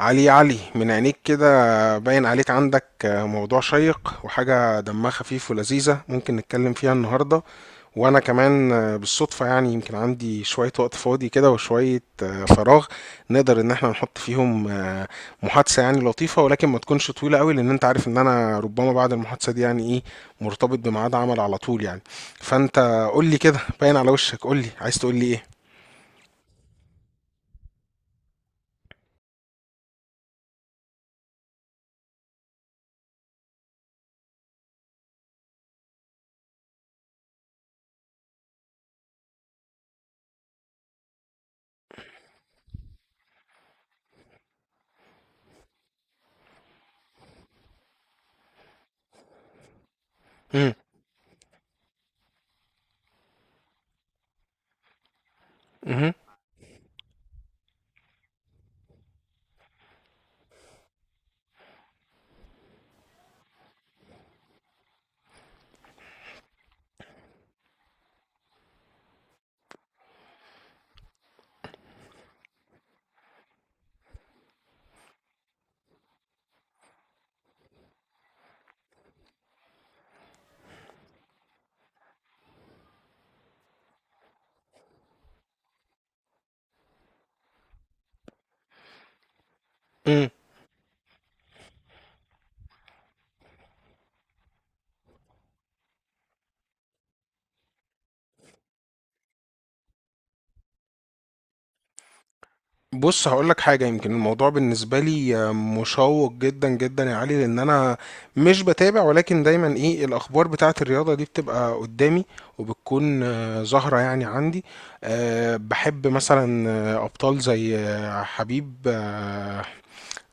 علي، يا علي، من عينيك كده باين عليك عندك موضوع شيق وحاجة دمها خفيف ولذيذة، ممكن نتكلم فيها النهاردة. وأنا كمان بالصدفة يعني يمكن عندي شوية وقت فاضي كده، وشوية فراغ نقدر إن احنا نحط فيهم محادثة يعني لطيفة، ولكن ما تكونش طويلة قوي، لأن أنت عارف إن أنا ربما بعد المحادثة دي يعني إيه، مرتبط بميعاد عمل على طول يعني. فأنت قول لي كده، باين على وشك، قول لي عايز تقول لي إيه؟ امم. بص هقولك حاجة، يمكن الموضوع بالنسبة لي مشوق جدا جدا يا علي، لأن أنا مش بتابع، ولكن دايما إيه الأخبار بتاعة الرياضة دي بتبقى قدامي، وبتكون ظاهرة يعني عندي. بحب مثلا أبطال زي آه، حبيب آه،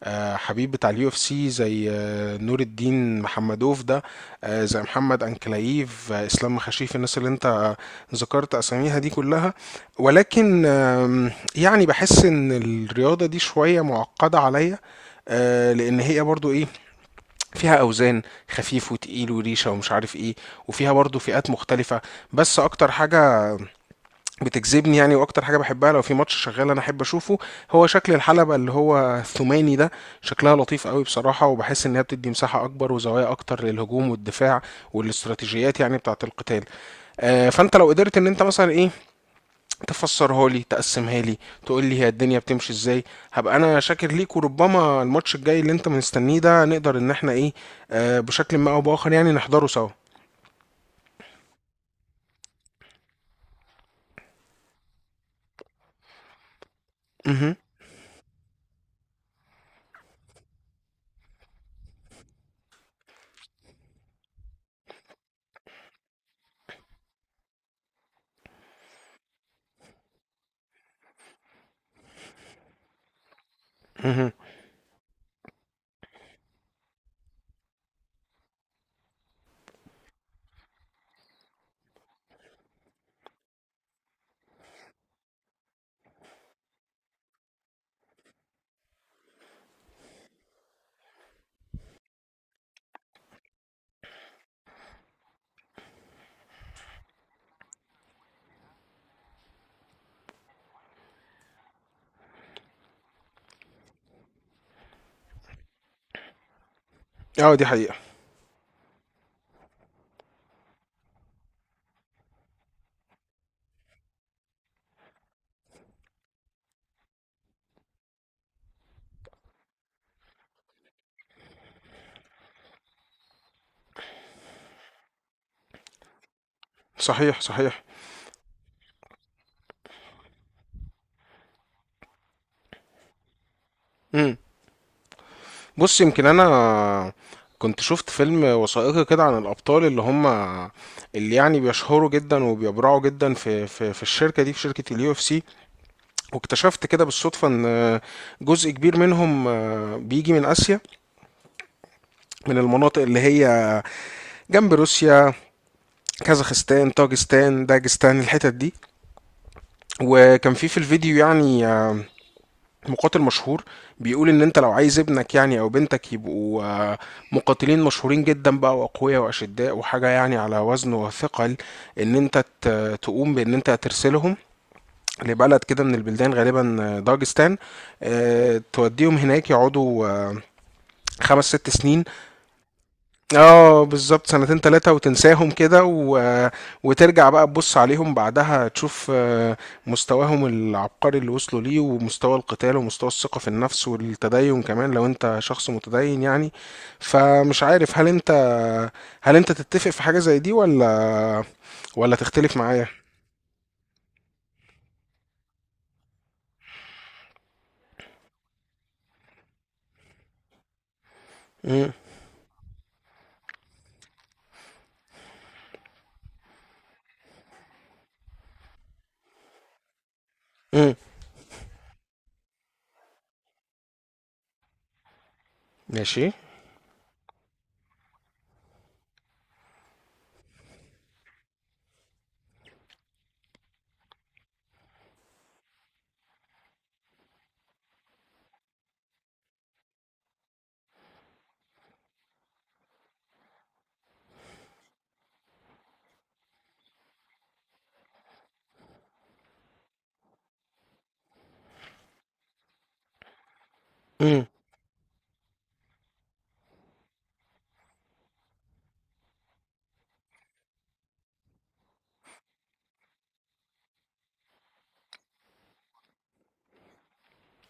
آه، حبيب بتاع اليو اف سي، زي نور الدين محمدوف ده، زي محمد انكلايف، اسلام مخاشيف، الناس اللي انت ذكرت اساميها دي كلها. ولكن يعني بحس ان الرياضة دي شوية معقدة عليا، لان هي برضو ايه، فيها اوزان، خفيف وتقيل وريشه ومش عارف ايه، وفيها برضو فئات مختلفه. بس اكتر حاجه بتجذبني يعني، واكتر حاجه بحبها لو في ماتش شغال انا احب اشوفه، هو شكل الحلبه اللي هو الثماني ده. شكلها لطيف قوي بصراحه، وبحس انها بتدي مساحه اكبر وزوايا اكتر للهجوم والدفاع والاستراتيجيات يعني بتاعه القتال. فانت لو قدرت ان انت مثلا ايه، تفسرها لي، تقسمها لي، تقول لي هي الدنيا بتمشي ازاي، هبقى انا شاكر ليك. وربما الماتش الجاي اللي انت مستنيه ده نقدر ان احنا ايه، بشكل ما او باخر يعني نحضره سوا. مهم. مهم. اه، دي حقيقه. صحيح، صحيح. مم. بص يمكن انا كنت شفت فيلم وثائقي كده عن الابطال اللي هم، اللي يعني بيشهروا جدا وبيبرعوا جدا في الشركه دي، في شركه اليو اف سي. واكتشفت كده بالصدفه ان جزء كبير منهم بيجي من اسيا، من المناطق اللي هي جنب روسيا، كازاخستان، طاجستان، داجستان، الحتت دي. وكان في الفيديو يعني مقاتل مشهور بيقول ان انت لو عايز ابنك يعني او بنتك يبقوا مقاتلين مشهورين جدا بقى واقوياء واشداء وحاجه يعني على وزن وثقل، ان انت تقوم بان انت ترسلهم لبلد كده من البلدان، غالبا داغستان. توديهم هناك يقعدوا خمس ست سنين. اه بالظبط، سنتين تلاتة وتنساهم كده وترجع بقى تبص عليهم بعدها تشوف مستواهم العبقري اللي وصلوا ليه، ومستوى القتال ومستوى الثقة في النفس والتدين كمان لو انت شخص متدين يعني. فمش عارف هل انت تتفق في حاجة زي دي ولا تختلف معايا؟ امم. امم. ماشي. امم.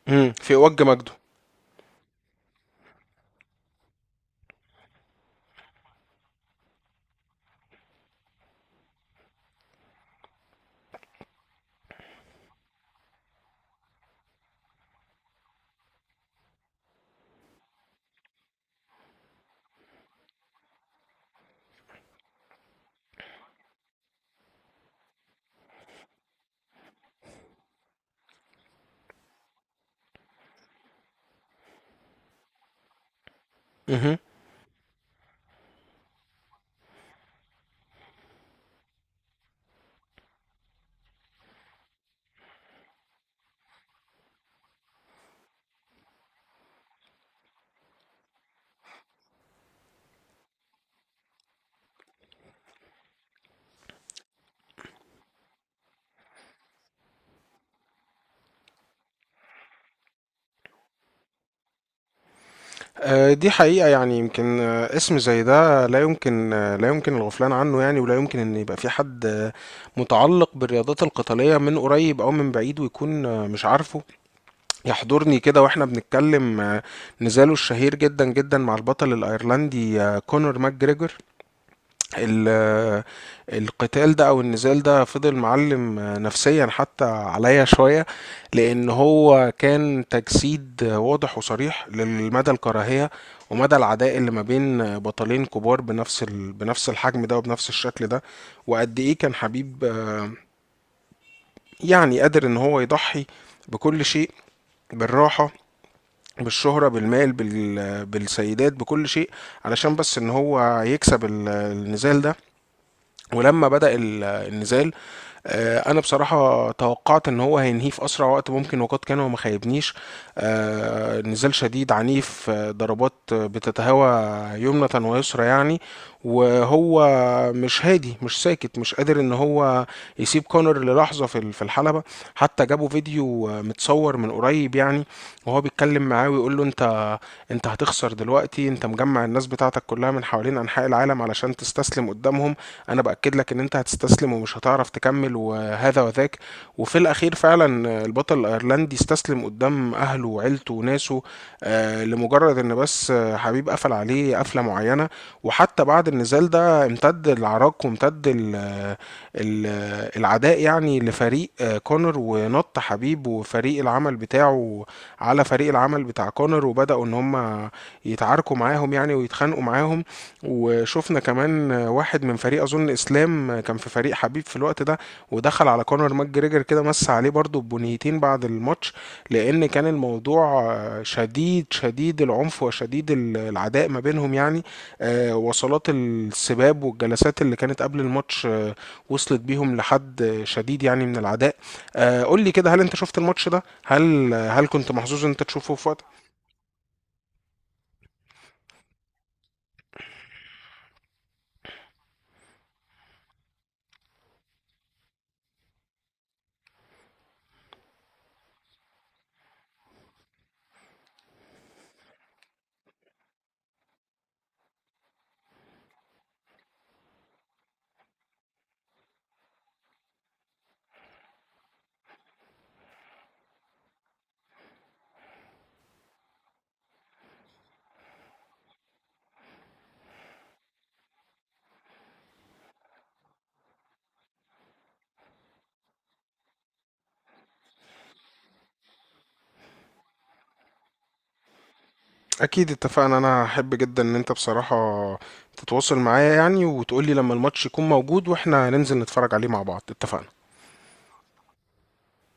امم. في وجه مجده. دي حقيقة يعني، يمكن اسم زي ده لا يمكن الغفلان عنه يعني، ولا يمكن ان يبقى في حد متعلق بالرياضات القتالية من قريب او من بعيد، ويكون مش عارفه. يحضرني كده واحنا بنتكلم نزاله الشهير جدا جدا مع البطل الايرلندي كونور ماجريجور. ال- القتال ده او النزال ده فضل معلم نفسيا حتى عليا شوية، لان هو كان تجسيد واضح وصريح لمدى الكراهية ومدى العداء اللي ما بين بطلين كبار بنفس بنفس الحجم ده وبنفس الشكل ده. وقد ايه كان حبيب يعني قادر ان هو يضحي بكل شيء، بالراحة، بالشهرة، بالمال، بالسيدات، بكل شيء، علشان بس ان هو يكسب النزال ده. ولما بدأ النزال، انا بصراحه توقعت ان هو هينهيه في اسرع وقت ممكن، وقد كان وما خيبنيش. نزال شديد عنيف، ضربات بتتهوى يمنة ويسرى يعني، وهو مش هادي، مش ساكت، مش قادر ان هو يسيب كونر للحظه في الحلبه. حتى جابوا فيديو متصور من قريب يعني، وهو بيتكلم معاه ويقول له: انت هتخسر دلوقتي، انت مجمع الناس بتاعتك كلها من حوالين انحاء العالم علشان تستسلم قدامهم، انا باكد لك ان انت هتستسلم ومش هتعرف تكمل، وهذا وذاك. وفي الاخير فعلا البطل الايرلندي استسلم قدام اهله وعيلته وناسه، لمجرد ان بس حبيب قفل عليه قفله معينه. وحتى بعد النزال ده امتد العراك، وامتد ال العداء يعني لفريق كونر، ونط حبيب وفريق العمل بتاعه على فريق العمل بتاع كونر، وبداوا ان هم يتعاركوا معاهم يعني، ويتخانقوا معاهم. وشفنا كمان واحد من فريق، اظن اسلام كان في فريق حبيب في الوقت ده، ودخل على كونر ماج جريجر كده مس عليه برضو بنيتين بعد الماتش، لان كان الموضوع شديد شديد العنف وشديد العداء ما بينهم يعني. وصلات السباب والجلسات اللي كانت قبل الماتش وصلت بيهم لحد شديد يعني من العداء. قول لي كده، هل انت شفت الماتش ده، هل كنت محظوظ ان انت تشوفه في وقت؟ اكيد اتفقنا، انا هحب جدا ان انت بصراحة تتواصل معايا يعني، وتقولي لما الماتش يكون موجود واحنا ننزل نتفرج عليه مع بعض. اتفقنا.